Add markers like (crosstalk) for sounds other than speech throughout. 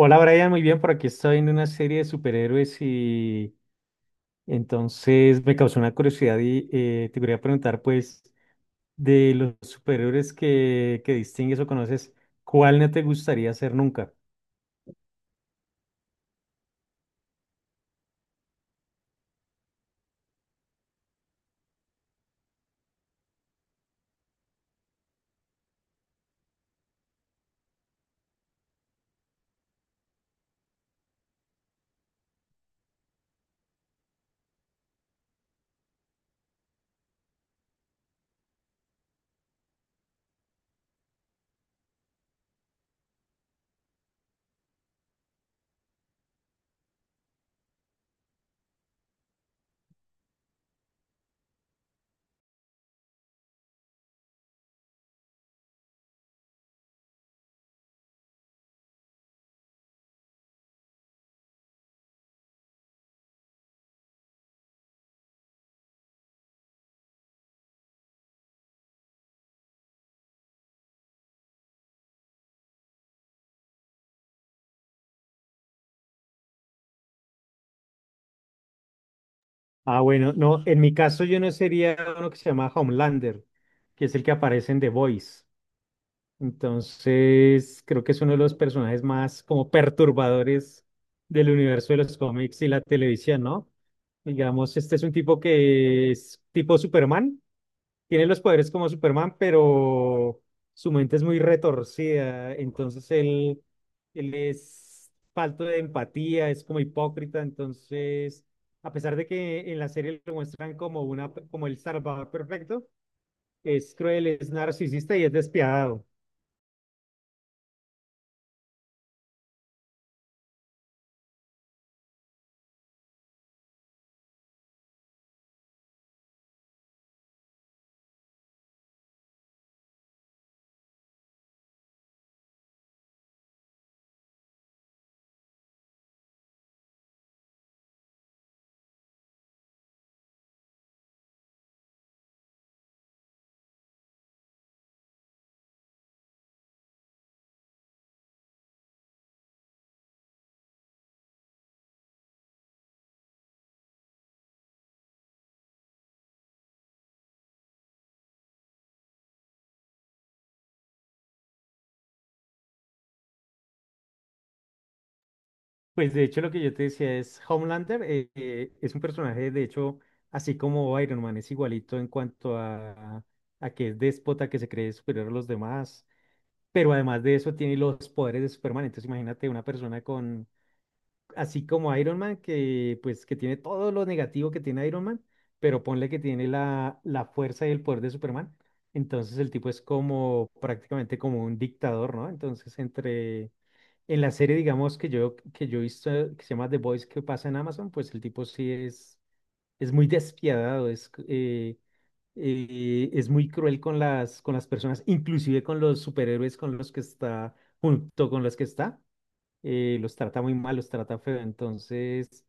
Hola Brian, muy bien, por aquí estoy en una serie de superhéroes y entonces me causó una curiosidad y te quería preguntar pues de los superhéroes que distingues o conoces, ¿cuál no te gustaría ser nunca? Ah, bueno, no, en mi caso yo no sería uno que se llama Homelander, que es el que aparece en The Voice. Entonces, creo que es uno de los personajes más como perturbadores del universo de los cómics y la televisión, ¿no? Digamos, este es un tipo que es tipo Superman, tiene los poderes como Superman, pero su mente es muy retorcida, entonces él es falto de empatía, es como hipócrita, entonces, a pesar de que en la serie lo muestran como una, como el salvador perfecto, es cruel, es narcisista y es despiadado. Pues de hecho lo que yo te decía es Homelander, es un personaje de hecho así como Iron Man, es igualito en cuanto a que es déspota, que se cree superior a los demás, pero además de eso tiene los poderes de Superman. Entonces imagínate una persona con, así como Iron Man, que pues que tiene todo lo negativo que tiene Iron Man, pero ponle que tiene la fuerza y el poder de Superman. Entonces el tipo es como prácticamente como un dictador, ¿no? Entonces entre en la serie, digamos, que yo he visto, que se llama The Boys, que pasa en Amazon, pues el tipo sí es muy despiadado, es muy cruel con las personas, inclusive con los superhéroes con los que está, junto con los que está, los trata muy mal, los trata feo. Entonces,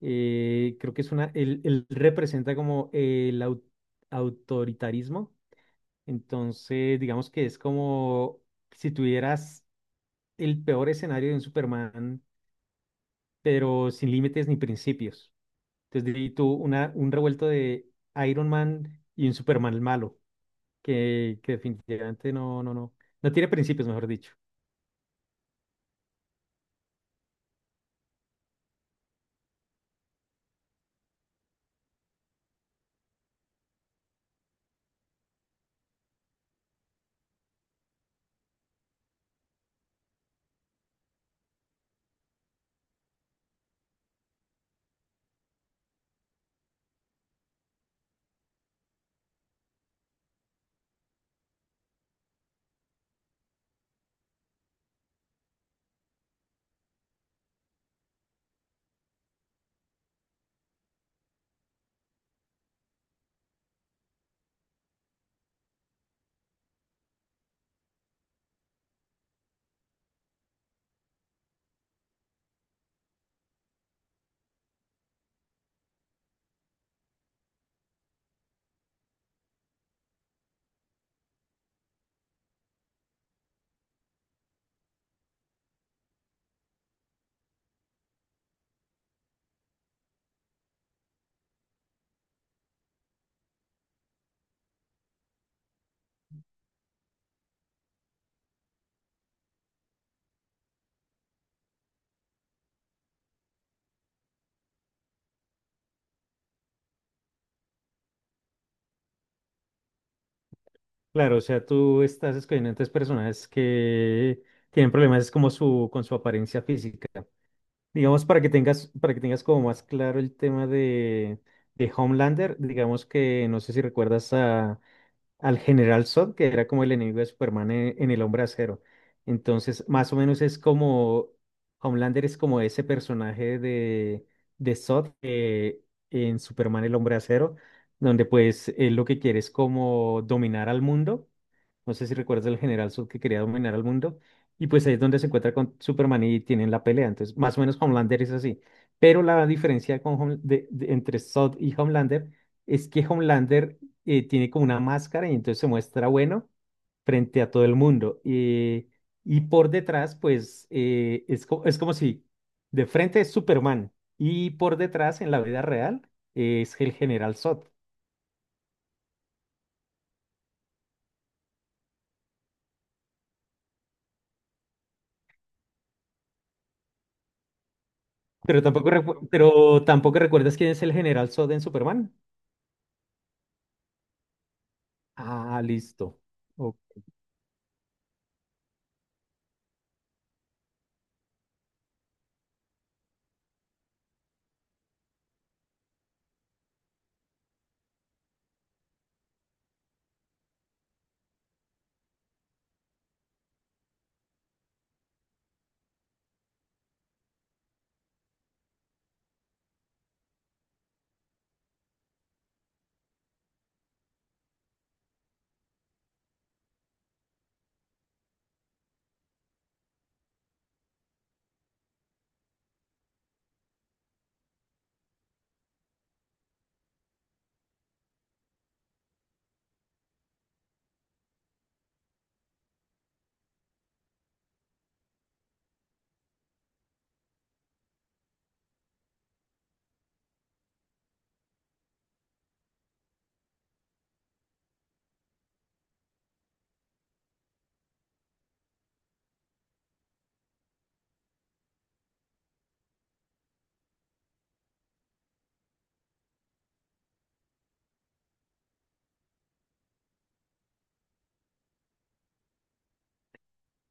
creo que es una, él representa como el autoritarismo. Entonces, digamos que es como si tuvieras el peor escenario de un Superman pero sin límites ni principios. Entonces, de ahí tú una, un revuelto de Iron Man y un Superman malo, que definitivamente no tiene principios, mejor dicho. Claro, o sea, tú estás escogiendo entonces personajes que tienen problemas como su, con su apariencia física. Digamos, para que tengas como más claro el tema de Homelander, digamos que no sé si recuerdas al General Zod, que era como el enemigo de Superman en El Hombre Acero. Entonces, más o menos es como Homelander es como ese personaje de Zod, en Superman El Hombre Acero, donde pues él lo que quiere es como dominar al mundo. No sé si recuerdas al general Zod que quería dominar al mundo. Y pues ahí es donde se encuentra con Superman y tienen la pelea. Entonces, más o menos Homelander es así. Pero la diferencia con entre Zod y Homelander es que Homelander tiene como una máscara y entonces se muestra bueno frente a todo el mundo. Y por detrás, pues es, es como si de frente es Superman y por detrás, en la vida real, es el general Zod. Pero tampoco, pero tampoco recuerdas quién es el general Zod en Superman. Ah, listo. O-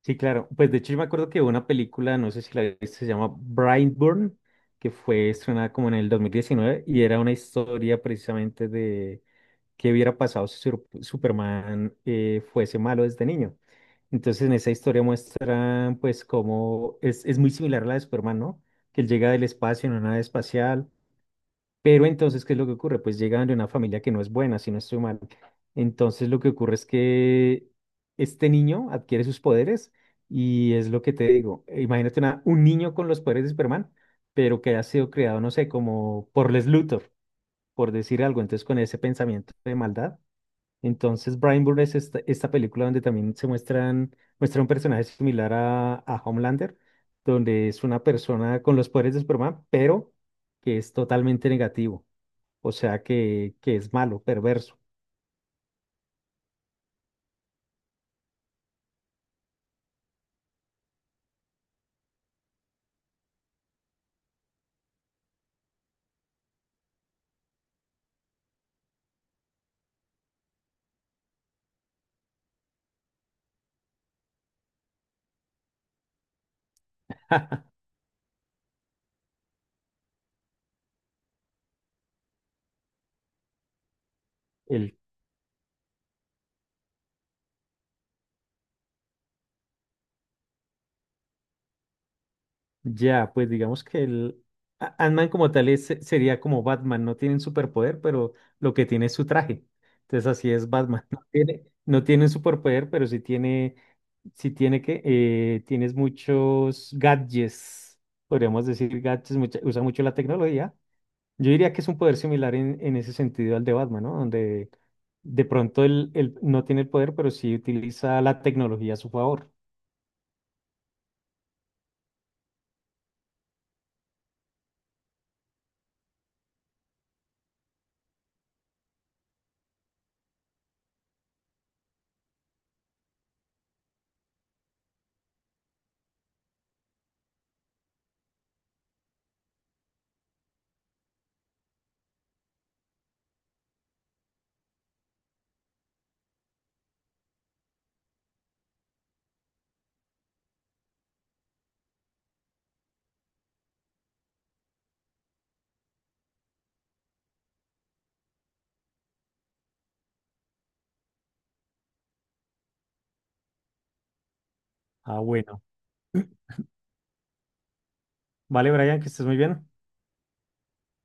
Sí, claro. Pues de hecho yo me acuerdo que hubo una película, no sé si la viste, se llama Brightburn, que fue estrenada como en el 2019 y era una historia precisamente de qué hubiera pasado si Superman, fuese malo desde niño. Entonces en esa historia muestran pues cómo es muy similar a la de Superman, ¿no? Que él llega del espacio en una nave espacial. Pero entonces, ¿qué es lo que ocurre? Pues llegan de una familia que no es buena, si no estoy mal. Entonces, lo que ocurre es que este niño adquiere sus poderes y es lo que te digo. Imagínate un niño con los poderes de Superman, pero que haya sido creado, no sé, como por Les Luthor, por decir algo. Entonces, con ese pensamiento de maldad. Entonces, Brian Bourne es esta, esta película donde también se muestran, muestra un personaje similar a Homelander, donde es una persona con los poderes de Superman, pero que es totalmente negativo. O sea que es malo, perverso. (laughs) El, ya, pues digamos que el Ant-Man como tal sería como Batman, no tienen superpoder, pero lo que tiene es su traje. Entonces así es Batman. (laughs) No tiene, no tiene un superpoder, pero sí tiene que, tienes muchos gadgets, podríamos decir gadgets, usa mucho la tecnología. Yo diría que es un poder similar en ese sentido al de Batman, ¿no? Donde de pronto él no tiene el poder, pero sí utiliza la tecnología a su favor. Ah, bueno. Vale, Brian, que estés muy bien.